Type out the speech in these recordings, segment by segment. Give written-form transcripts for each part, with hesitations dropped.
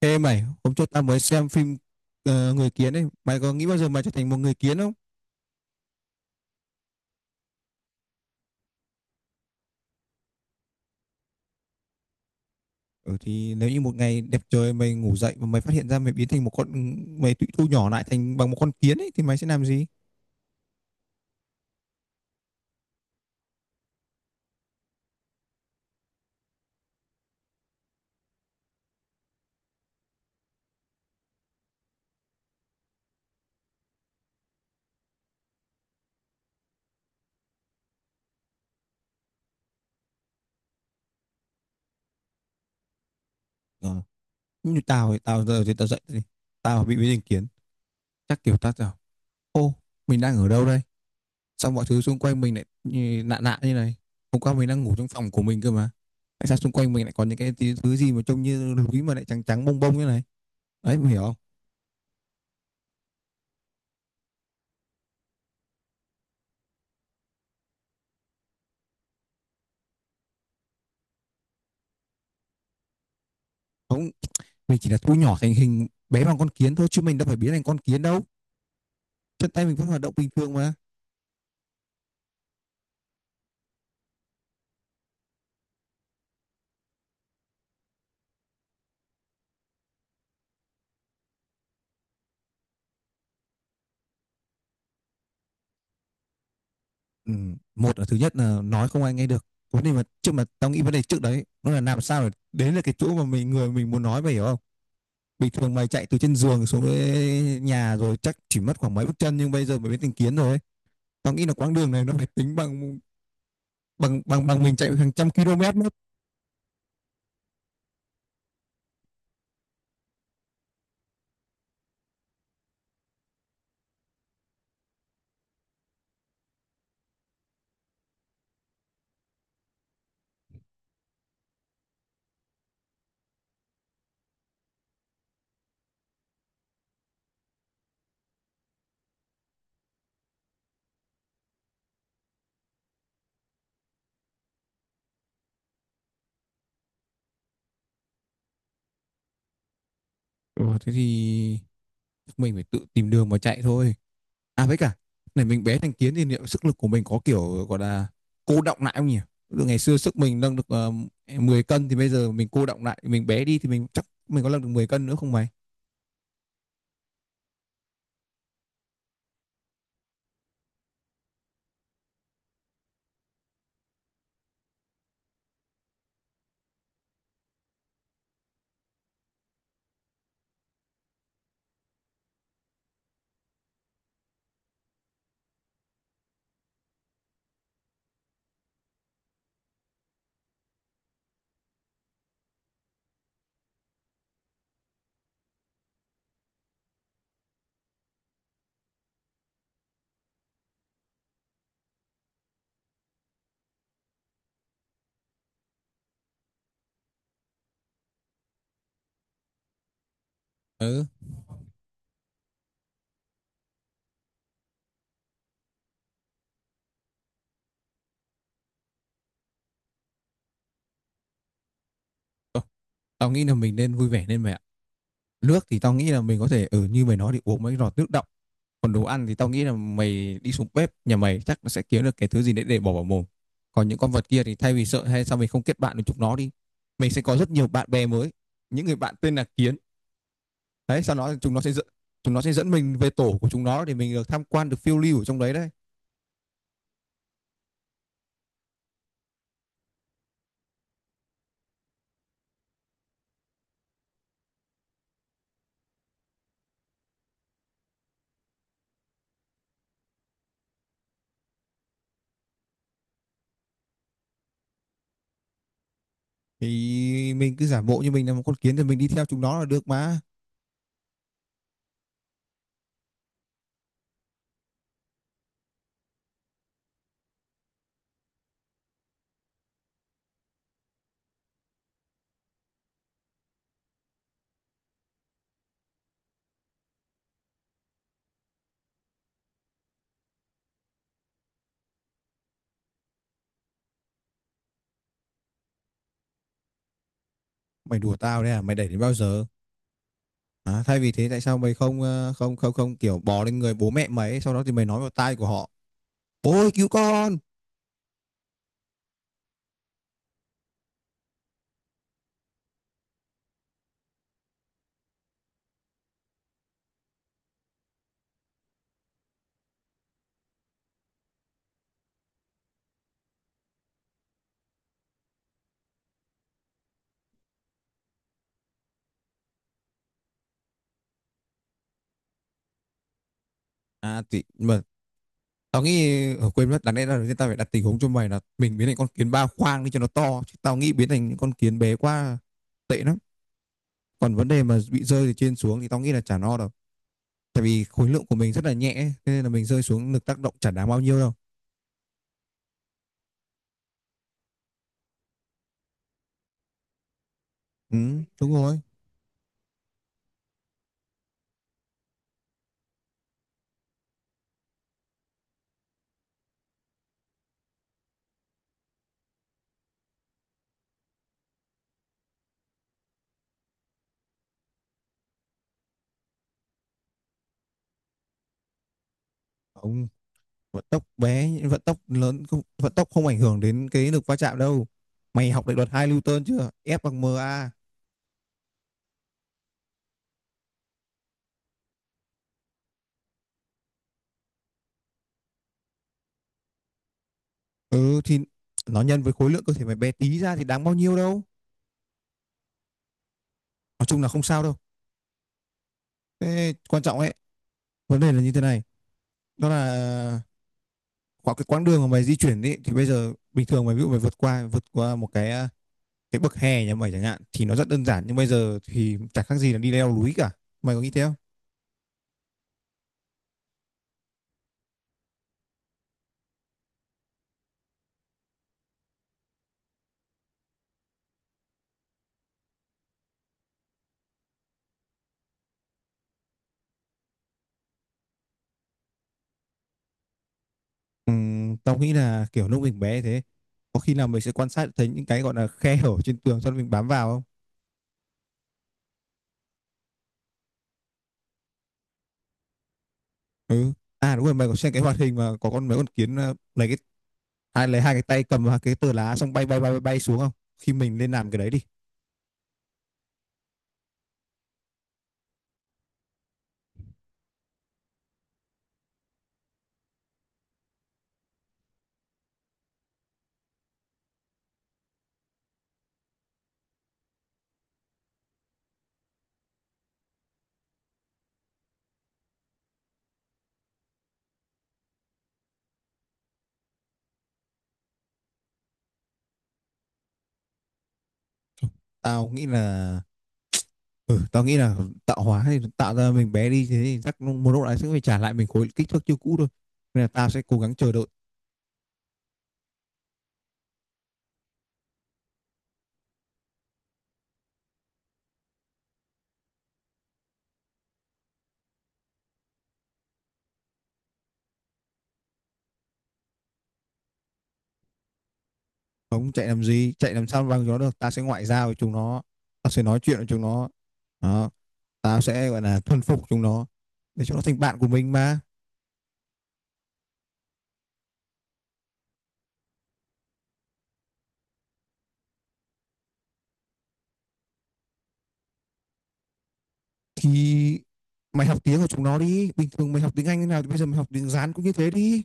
Ê mày, hôm trước tao mới xem phim Người Kiến ấy, mày có nghĩ bao giờ mày trở thành một người kiến không? Ừ thì nếu như một ngày đẹp trời mày ngủ dậy và mày phát hiện ra mày biến thành một con mày tụi thu nhỏ lại thành bằng một con kiến ấy thì mày sẽ làm gì? Ờ, như tao thì tao giờ thì tao dậy thì tao bị biến thành kiến, chắc kiểu tao bảo ô mình đang ở đâu đây? Xong mọi thứ xung quanh mình lại lạ lạ như này. Hôm qua mình đang ngủ trong phòng của mình cơ mà. Tại sao xung quanh mình lại có những cái thứ gì mà trông như núi mà lại trắng trắng bông bông như này? Đấy mày hiểu không? Không, mình chỉ là thu nhỏ thành hình bé bằng con kiến thôi chứ mình đâu phải biến thành con kiến đâu, chân tay mình vẫn hoạt động bình thường mà. Ừ. Một là thứ nhất là nói không ai nghe được, vấn đề mà trước mà tao nghĩ vấn đề trước đấy nó là làm sao để đến là cái chỗ mà mình người mình muốn nói, mày hiểu không? Bình thường mày chạy từ trên giường xuống tới nhà rồi chắc chỉ mất khoảng mấy bước chân, nhưng bây giờ mày biến thành kiến rồi ấy. Tao nghĩ là quãng đường này nó phải tính bằng bằng mình chạy hàng trăm km mất. Ừ, thế thì mình phải tự tìm đường mà chạy thôi. À với cả này, mình bé thành kiến thì liệu sức lực của mình có kiểu gọi là cô đọng lại không nhỉ? Từ ngày xưa sức mình nâng được 10 cân thì bây giờ mình cô đọng lại, mình bé đi thì mình chắc mình có nâng được 10 cân nữa không mày? Ừ. Ờ, tao nghĩ là mình nên vui vẻ lên mày ạ. Nước thì tao nghĩ là mình có thể ở như mày nói thì uống mấy giọt nước đọng. Còn đồ ăn thì tao nghĩ là mày đi xuống bếp nhà mày chắc nó sẽ kiếm được cái thứ gì đấy để bỏ vào mồm. Còn những con vật kia thì thay vì sợ hay sao mình không kết bạn với chúng nó đi. Mình sẽ có rất nhiều bạn bè mới. Những người bạn tên là kiến đấy, sau đó chúng nó sẽ dẫn chúng nó sẽ dẫn mình về tổ của chúng nó để mình được tham quan, được phiêu lưu ở trong đấy đấy. Thì mình cứ giả bộ như mình là một con kiến thì mình đi theo chúng nó là được mà. Mày đùa tao đấy à, mày đẩy đến bao giờ? À, thay vì thế tại sao mày không không kiểu bò lên người bố mẹ mày ấy, sau đó thì mày nói vào tai của họ, ôi cứu con. À thì mà tao nghĩ ở quên mất, đáng lẽ là người ta phải đặt tình huống cho mày là mình biến thành con kiến ba khoang đi cho nó to, chứ tao nghĩ biến thành những con kiến bé quá tệ lắm. Còn vấn đề mà bị rơi từ trên xuống thì tao nghĩ là chả no đâu, tại vì khối lượng của mình rất là nhẹ, nên là mình rơi xuống lực tác động chẳng đáng bao nhiêu đâu. Ừ, đúng rồi. Ông vận tốc bé vận tốc lớn không, vận tốc không ảnh hưởng đến cái lực va chạm đâu. Mày học định luật 2 Newton chưa, F bằng ma. Ừ thì nó nhân với khối lượng cơ thể mày bé tí ra thì đáng bao nhiêu đâu. Nói chung là không sao đâu. Thế quan trọng ấy, vấn đề là như thế này, đó là khoảng cái quãng đường mà mày di chuyển ấy, thì bây giờ bình thường mày ví dụ mày vượt qua một cái cái bậc hè nhà mày chẳng hạn thì nó rất đơn giản, nhưng bây giờ thì chẳng khác gì là đi leo núi cả. Mày có nghĩ thế không? Tao nghĩ là kiểu lúc mình bé thế có khi nào mình sẽ quan sát thấy những cái gọi là khe hở trên tường cho nên mình bám vào không? Ừ. À đúng rồi, mày có xem cái hoạt hình mà có con mấy con kiến lấy cái hai cái tay cầm vào cái tờ lá xong bay bay bay bay, bay xuống không? Khi mình lên làm cái đấy đi. Tao nghĩ là ừ tao nghĩ là tạo hóa thì tạo ra mình bé đi thế thì chắc một lúc đấy sẽ phải trả lại mình khối kích thước chưa cũ thôi, nên là tao sẽ cố gắng chờ đợi. Không chạy làm gì, chạy làm sao bằng nó được, ta sẽ ngoại giao với chúng nó. Ta sẽ nói chuyện với chúng nó. Đó, ta sẽ gọi là thuần phục chúng nó, để chúng nó thành bạn của mình mà. Thì mày học tiếng của chúng nó đi, bình thường mày học tiếng Anh thế nào thì bây giờ mày học tiếng Hán cũng như thế đi.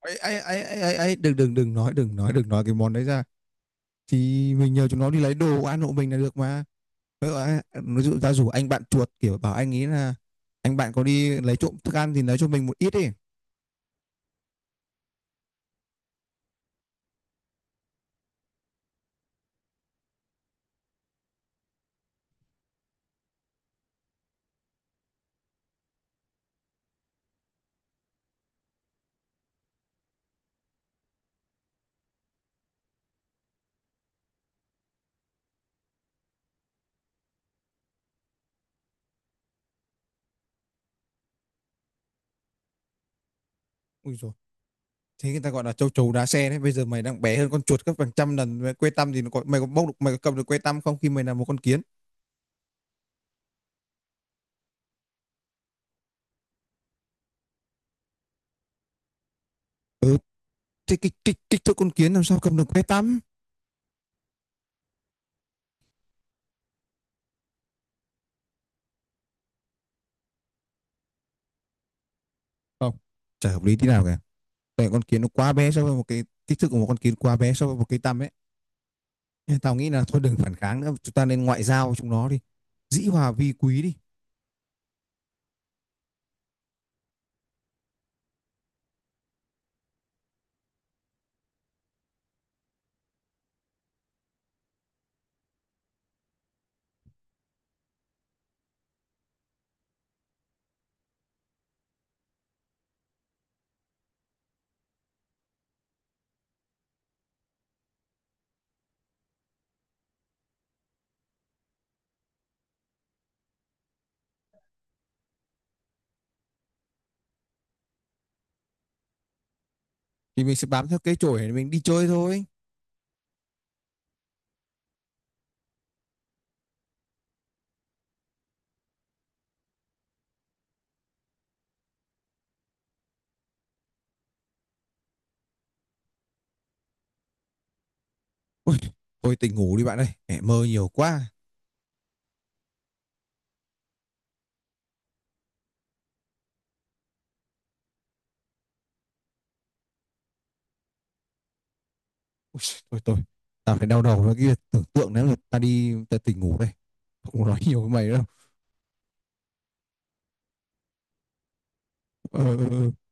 Ấy ấy ấy ấy ấy, ấy. Đừng đừng đừng nói đừng nói đừng nói cái món đấy ra. Thì mình nhờ chúng nó đi lấy đồ ăn hộ mình là được mà. Ví dụ ta rủ anh bạn chuột kiểu bảo anh ấy là anh bạn có đi lấy trộm thức ăn thì lấy cho mình một ít đi. Ui dồi, thế người ta gọi là châu chấu đá xe đấy, bây giờ mày đang bé hơn con chuột gấp hàng trăm lần, quê tăm thì nó có, mày có bốc được, mày có cầm được quê tăm không khi mày là một con kiến? Ừ, thế kích kích kích thước con kiến làm sao cầm được quê tăm? Không, chả hợp lý tí nào cả. Tại con kiến nó quá bé so với một cái kích thước của một con kiến quá bé so với một cái tăm ấy, nên tao nghĩ là thôi đừng phản kháng nữa, chúng ta nên ngoại giao với chúng nó đi, dĩ hòa vi quý đi. Thì mình sẽ bám theo cái chổi để mình đi chơi thôi. Ôi, thôi tỉnh ngủ đi bạn ơi, mẹ mơ nhiều quá. Thôi thôi tao phải đau đầu với cái tưởng tượng, nếu người ta đi ta tỉnh ngủ đây, không có nói nhiều với mày đâu. Ờ, ờ, ờ.